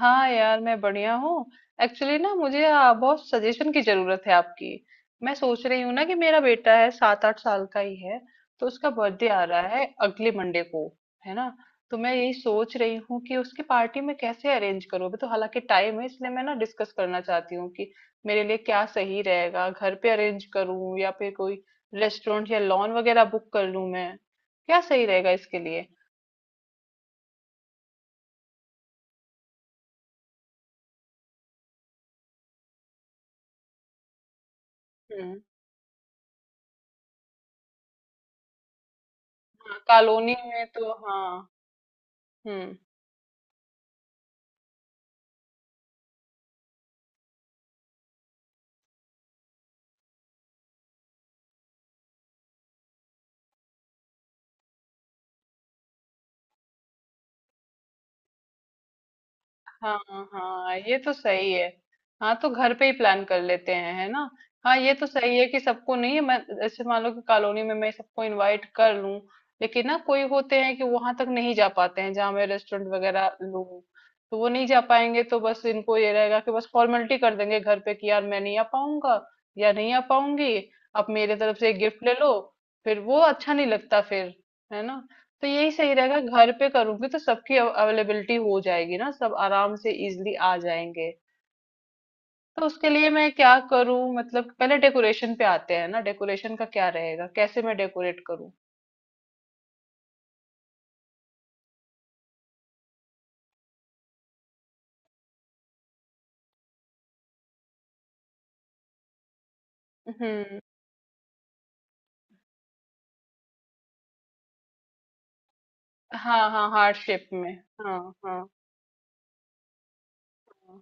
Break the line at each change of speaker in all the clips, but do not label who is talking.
हाँ यार मैं बढ़िया हूँ। एक्चुअली ना मुझे बहुत सजेशन की जरूरत है आपकी। मैं सोच रही हूँ ना कि मेरा बेटा है 7-8 साल का ही है। तो उसका बर्थडे आ रहा है अगले मंडे को। है ना। तो मैं यही सोच रही हूँ कि उसकी पार्टी में कैसे अरेंज करूँ अभी तो हालांकि टाइम है इसलिए मैं ना डिस्कस करना चाहती हूँ कि मेरे लिए क्या सही रहेगा घर पे अरेंज करूँ या फिर कोई रेस्टोरेंट या लॉन वगैरह बुक कर लूँ मैं। क्या सही रहेगा इसके लिए। हम्म। हाँ, कॉलोनी में तो हाँ। हम्म। हाँ। हाँ ये तो सही है। हाँ तो घर पे ही प्लान कर लेते हैं है ना। हाँ ये तो सही है कि सबको नहीं मैं जैसे मान लो कि कॉलोनी में मैं सबको इनवाइट कर लूं। लेकिन ना कोई होते हैं कि वहां तक नहीं जा पाते हैं जहाँ मैं रेस्टोरेंट वगैरह लूं। तो वो नहीं जा पाएंगे तो बस इनको ये रहेगा कि बस फॉर्मेलिटी कर देंगे घर पे कि यार मैं नहीं आ पाऊंगा या नहीं आ पाऊंगी। आप मेरे तरफ से एक गिफ्ट ले लो। फिर वो अच्छा नहीं लगता फिर। है ना। तो यही सही रहेगा घर पे करूंगी तो सबकी अवेलेबिलिटी हो जाएगी ना सब आराम से इजीली आ जाएंगे। तो उसके लिए मैं क्या करूं मतलब पहले डेकोरेशन पे आते हैं ना डेकोरेशन का क्या रहेगा कैसे मैं डेकोरेट करूं। हम्म। हाँ हाँ हार्ट शेप में। हाँ हाँ। हाँ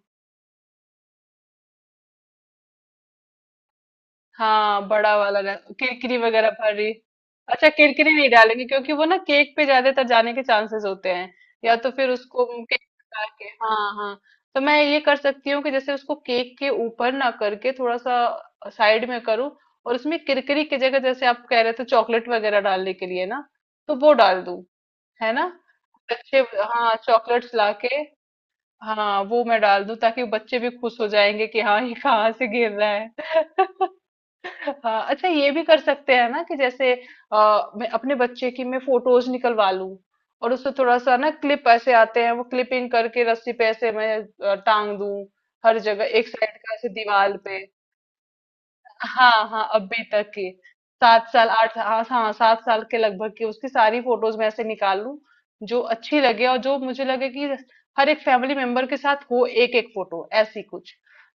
हाँ बड़ा वाला किरकिरी वगैरह भरी। अच्छा किरकिरी नहीं डालेंगे क्योंकि वो ना केक पे ज्यादातर जाने के चांसेस होते हैं। या तो फिर उसको केक हटा के हाँ हाँ। तो मैं ये कर सकती हूँ कि जैसे उसको केक के ऊपर ना करके थोड़ा सा साइड में करूँ। और उसमें किरकिरी की जगह जैसे आप कह रहे थे चॉकलेट वगैरह डालने के लिए ना तो वो डाल दूँ है ना। बच्चे हाँ चॉकलेट्स लाके। हाँ वो मैं डाल दूँ ताकि बच्चे भी खुश हो जाएंगे कि हाँ ये कहाँ से गिर रहा है। हाँ अच्छा ये भी कर सकते हैं ना कि जैसे मैं अपने बच्चे की मैं फोटोज निकलवा लूं। और उससे थोड़ा सा ना क्लिप ऐसे आते हैं वो क्लिपिंग करके रस्सी पे ऐसे मैं टांग दूं। हर जगह एक साइड का ऐसे दीवार पे। हाँ हाँ अभी तक की। सात साल आठ हाँ हाँ सात साल के लगभग की उसकी सारी फोटोज मैं ऐसे निकाल लूं। जो अच्छी लगे और जो मुझे लगे कि हर एक फैमिली मेंबर के साथ हो एक एक फोटो ऐसी कुछ।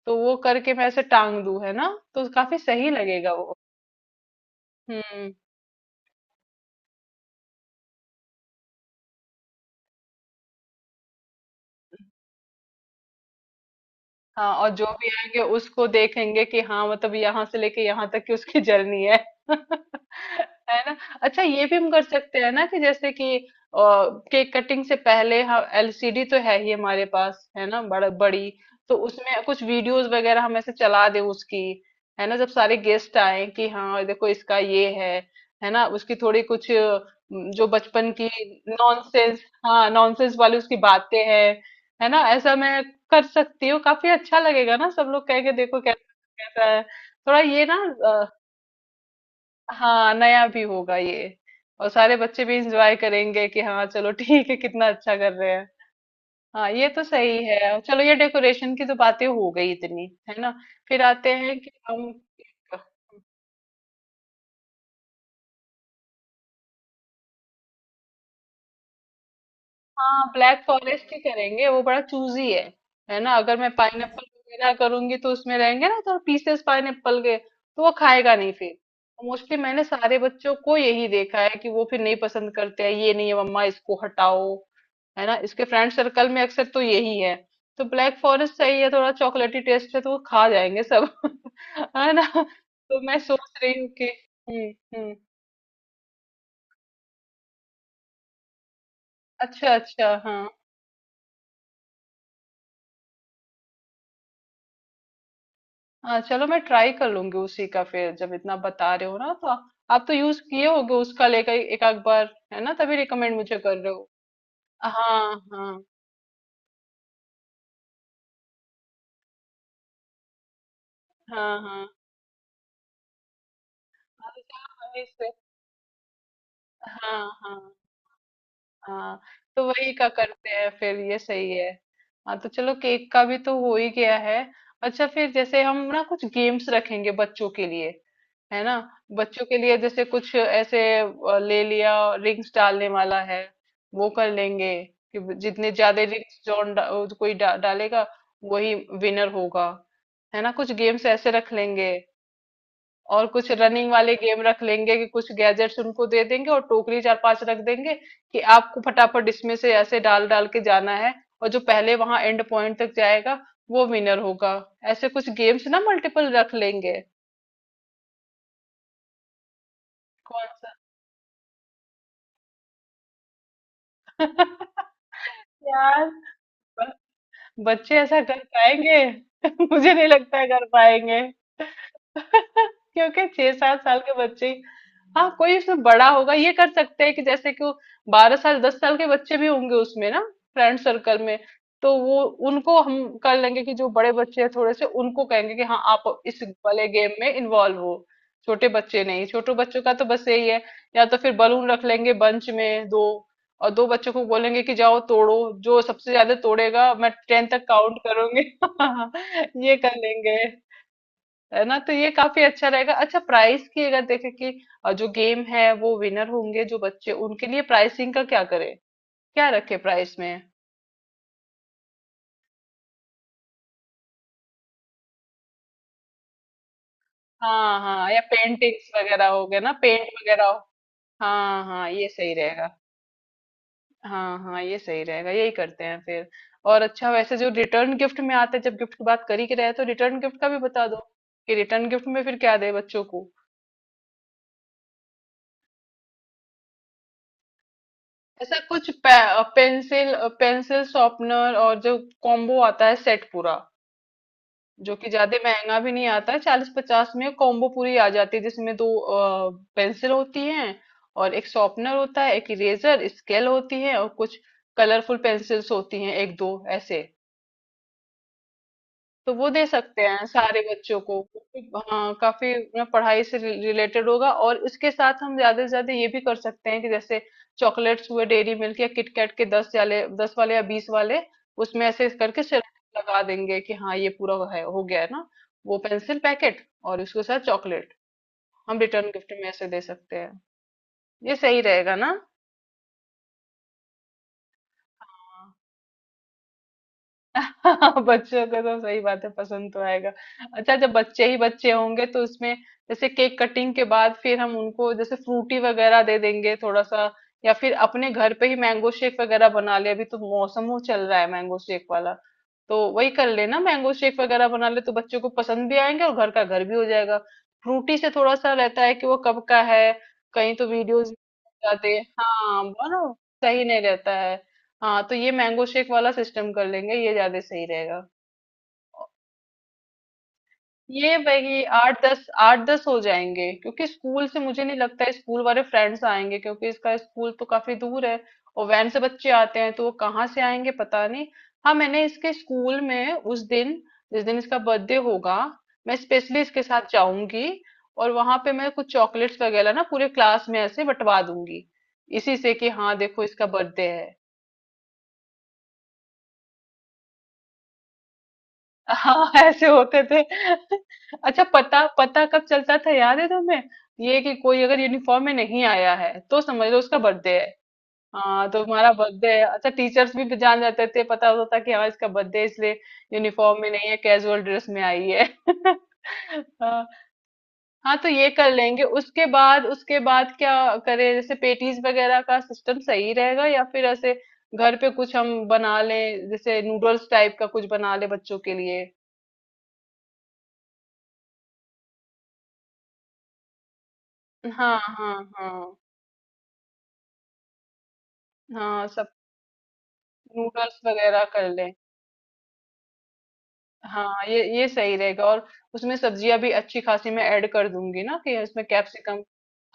तो वो करके मैं ऐसे टांग दूं है ना। तो काफी सही लगेगा। हम्म। हाँ और जो भी आएंगे उसको देखेंगे कि हाँ मतलब यहाँ से लेके यहाँ तक की उसकी जर्नी है। है ना। अच्छा ये भी हम कर सकते हैं ना कि जैसे कि केक कटिंग से पहले हम एलसीडी तो है ही हमारे पास है ना बड़ा बड़ी। तो उसमें कुछ वीडियोस वगैरह हम ऐसे चला दें उसकी। है ना जब सारे गेस्ट आए कि हाँ देखो इसका ये है। है ना उसकी थोड़ी कुछ जो बचपन की नॉनसेंस हाँ नॉनसेंस वाली उसकी बातें हैं। है ना ऐसा मैं कर सकती हो काफी अच्छा लगेगा ना सब लोग कहेंगे देखो कैसा कैसा है। थोड़ा ये ना अ, हाँ नया भी होगा ये। और सारे बच्चे भी इंजॉय करेंगे कि हाँ चलो ठीक है कितना अच्छा कर रहे हैं। हाँ ये तो सही है चलो ये डेकोरेशन की तो बातें हो गई इतनी। है ना। फिर आते हैं कि हम। हाँ ब्लैक फॉरेस्ट ही करेंगे वो बड़ा चूजी है। है ना अगर मैं पाइनएप्पल वगैरह करूंगी तो उसमें रहेंगे ना तो पीसेस पाइनएप्पल के तो वो खाएगा नहीं फिर। मोस्टली मैंने सारे बच्चों को यही देखा है कि वो फिर नहीं पसंद करते हैं ये नहीं है मम्मा इसको हटाओ। है ना इसके फ्रेंड सर्कल में अक्सर तो यही है। तो ब्लैक फॉरेस्ट सही है थोड़ा चॉकलेटी टेस्ट है तो वो खा जाएंगे सब। है ना। तो मैं सोच रही हूँ कि। हम्म हम्म। अच्छा अच्छा हाँ। हाँ चलो मैं ट्राई कर लूंगी उसी का फिर जब इतना बता रहे हो ना तो। आप तो यूज किए होगे उसका लेकर एक आध बार है ना तभी रिकमेंड मुझे कर रहे हो। हाँ हाँ हाँ हाँ। हाँ तो चलो वहीं से। हाँ हाँ। हाँ तो वही का करते हैं फिर ये सही है। हाँ तो चलो केक का भी तो हो ही गया है। अच्छा फिर जैसे हम ना कुछ गेम्स रखेंगे बच्चों के लिए। है ना। बच्चों के लिए जैसे कुछ ऐसे ले लिया रिंग्स डालने वाला है। वो कर लेंगे कि जितने ज्यादा रिंग्स कोई डालेगा वही विनर होगा। है ना कुछ गेम्स ऐसे रख लेंगे। और कुछ रनिंग वाले गेम रख लेंगे कि कुछ गैजेट्स उनको दे देंगे और टोकरी चार पांच रख देंगे। कि आपको फटाफट इसमें से ऐसे डाल डाल के जाना है। और जो पहले वहां एंड पॉइंट तक जाएगा वो विनर होगा। ऐसे कुछ गेम्स ना मल्टीपल रख लेंगे। कौन सा। यार बच्चे ऐसा कर पाएंगे। मुझे नहीं लगता है कर पाएंगे। क्योंकि 6-7 साल के बच्चे। हाँ कोई उसमें बड़ा होगा ये कर सकते हैं कि जैसे कि वो 12 साल 10 साल के बच्चे भी होंगे उसमें ना फ्रेंड सर्कल में। तो वो उनको हम कर लेंगे कि जो बड़े बच्चे हैं थोड़े से उनको कहेंगे कि हाँ आप इस वाले गेम में इन्वॉल्व हो। छोटे बच्चे नहीं छोटे बच्चों का तो बस यही है। या तो फिर बलून रख लेंगे बंच में दो और दो बच्चों को बोलेंगे कि जाओ तोड़ो। जो सबसे ज्यादा तोड़ेगा मैं 10 तक काउंट करूंगी। ये कर लेंगे। है ना तो ये काफी अच्छा रहेगा अच्छा प्राइस की अगर देखें कि जो गेम है वो विनर होंगे जो बच्चे उनके लिए प्राइसिंग का क्या करें। क्या रखे प्राइस में। हाँ हाँ या पेंटिंग्स वगैरह हो गए ना पेंट वगैरह हो। हाँ हाँ ये सही रहेगा। हाँ हाँ ये सही रहेगा यही करते हैं फिर। और अच्छा वैसे जो रिटर्न गिफ्ट में आते हैं जब गिफ्ट की बात कर ही रहे हैं तो रिटर्न गिफ्ट का भी बता दो कि रिटर्न गिफ्ट में फिर क्या दे बच्चों को। ऐसा कुछ पेंसिल पेंसिल शॉर्पनर और जो कॉम्बो आता है सेट पूरा। जो कि ज्यादा महंगा भी नहीं आता है 40-50 में कॉम्बो पूरी आ जाती है जिसमें दो पेंसिल होती हैं। और एक शॉर्पनर होता है एक इरेजर स्केल होती है और कुछ कलरफुल पेंसिल्स होती हैं एक दो ऐसे। तो वो दे सकते हैं सारे बच्चों को क्योंकि, हाँ काफी ना पढ़ाई से रिलेटेड होगा और इसके साथ हम ज्यादा से ज्यादा ये भी कर सकते हैं कि जैसे चॉकलेट्स हुए डेयरी मिल्क या किटकैट के दस वाले या 20 वाले। उसमें ऐसे करके सिर्फ लगा देंगे कि हाँ ये पूरा है हो गया है ना। वो पेंसिल पैकेट और उसके साथ चॉकलेट हम रिटर्न गिफ्ट में ऐसे दे सकते हैं। ये सही रहेगा ना। हाँ बच्चों को तो सही बात है पसंद तो आएगा। अच्छा जब बच्चे ही बच्चे होंगे तो उसमें जैसे केक कटिंग के बाद फिर हम उनको जैसे फ्रूटी वगैरह दे देंगे थोड़ा सा। या फिर अपने घर पे ही मैंगो शेक वगैरह बना ले अभी तो मौसम वो चल रहा है मैंगो शेक वाला। तो वही कर लेना मैंगो शेक वगैरह बना ले तो बच्चों को पसंद भी आएंगे और घर का घर भी हो जाएगा। फ्रूटी से थोड़ा सा रहता है कि वो कब का है कहीं तो वीडियोज जाते हैं हाँ बोलो सही नहीं रहता है। हाँ तो ये मैंगो शेक वाला सिस्टम कर लेंगे ये ज्यादा सही रहेगा। ये भाई आठ दस हो जाएंगे क्योंकि स्कूल से मुझे नहीं लगता है स्कूल वाले फ्रेंड्स आएंगे क्योंकि इसका स्कूल तो काफी दूर है। और वैन से बच्चे आते हैं तो वो कहाँ से आएंगे पता नहीं। हाँ मैंने इसके स्कूल में उस दिन जिस दिन इसका बर्थडे होगा मैं स्पेशली इसके साथ जाऊंगी। और वहां पे मैं कुछ चॉकलेट्स वगैरह ना पूरे क्लास में ऐसे बंटवा दूंगी इसी से कि हाँ देखो इसका बर्थडे है। हाँ। ऐसे होते थे। अच्छा पता पता कब चलता था याद है तुम्हें। ये कि कोई अगर यूनिफॉर्म में नहीं आया है तो समझ लो उसका बर्थडे है। हाँ तो हमारा बर्थडे है अच्छा टीचर्स भी जान जाते थे पता होता था कि हाँ इसका बर्थडे इसलिए यूनिफॉर्म में नहीं है कैजुअल ड्रेस में आई है। हाँ हाँ, तो ये कर लेंगे उसके बाद क्या करें जैसे पेटीज वगैरह का सिस्टम सही रहेगा या फिर ऐसे घर पे कुछ हम बना लें जैसे नूडल्स टाइप का कुछ बना ले बच्चों के लिए। हाँ हाँ हाँ हाँ सब नूडल्स वगैरह कर ले। हाँ ये सही रहेगा और उसमें सब्जियां भी अच्छी खासी मैं ऐड कर दूंगी ना कि इसमें कैप्सिकम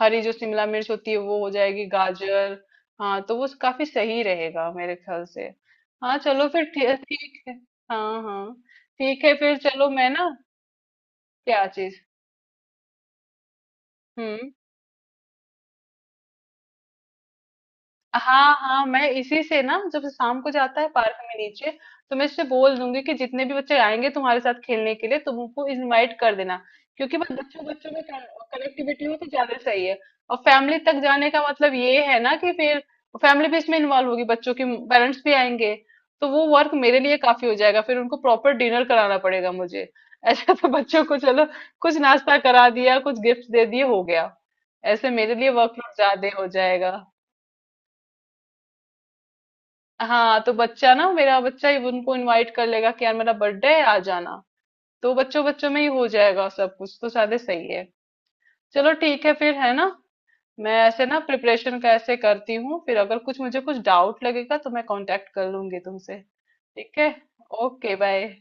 हरी जो शिमला मिर्च होती है वो हो जाएगी गाजर। हाँ तो वो काफी सही रहेगा मेरे ख्याल से। हाँ चलो फिर ठीक है। हाँ हाँ ठीक है फिर चलो मैं ना क्या चीज। हम्म हाँ हाँ मैं इसी से ना जब शाम को जाता है पार्क में नीचे। तो मैं इससे बोल दूंगी कि जितने भी बच्चे आएंगे तुम्हारे साथ खेलने के लिए तुम उनको इनवाइट कर देना। क्योंकि बस बच्चों बच्चों में कनेक्टिविटी हो तो ज्यादा सही है। और फैमिली तक जाने का मतलब ये है ना कि फिर फैमिली भी इसमें इन्वॉल्व होगी बच्चों के पेरेंट्स भी आएंगे। तो वो वर्क मेरे लिए काफी हो जाएगा फिर उनको प्रॉपर डिनर कराना पड़ेगा मुझे। ऐसा तो बच्चों को चलो कुछ नाश्ता करा दिया कुछ गिफ्ट दे दिए हो गया। ऐसे मेरे लिए वर्कलोड ज्यादा हो जाएगा। हाँ तो बच्चा ना मेरा बच्चा ही उनको इनवाइट कर लेगा कि यार मेरा बर्थडे है आ जाना। तो बच्चों बच्चों में ही हो जाएगा सब कुछ तो सादे सही है। चलो ठीक है फिर है ना। मैं ऐसे ना प्रिपरेशन का ऐसे करती हूँ फिर अगर कुछ मुझे कुछ डाउट लगेगा तो मैं कांटेक्ट कर लूंगी तुमसे। ठीक है। Okay bye.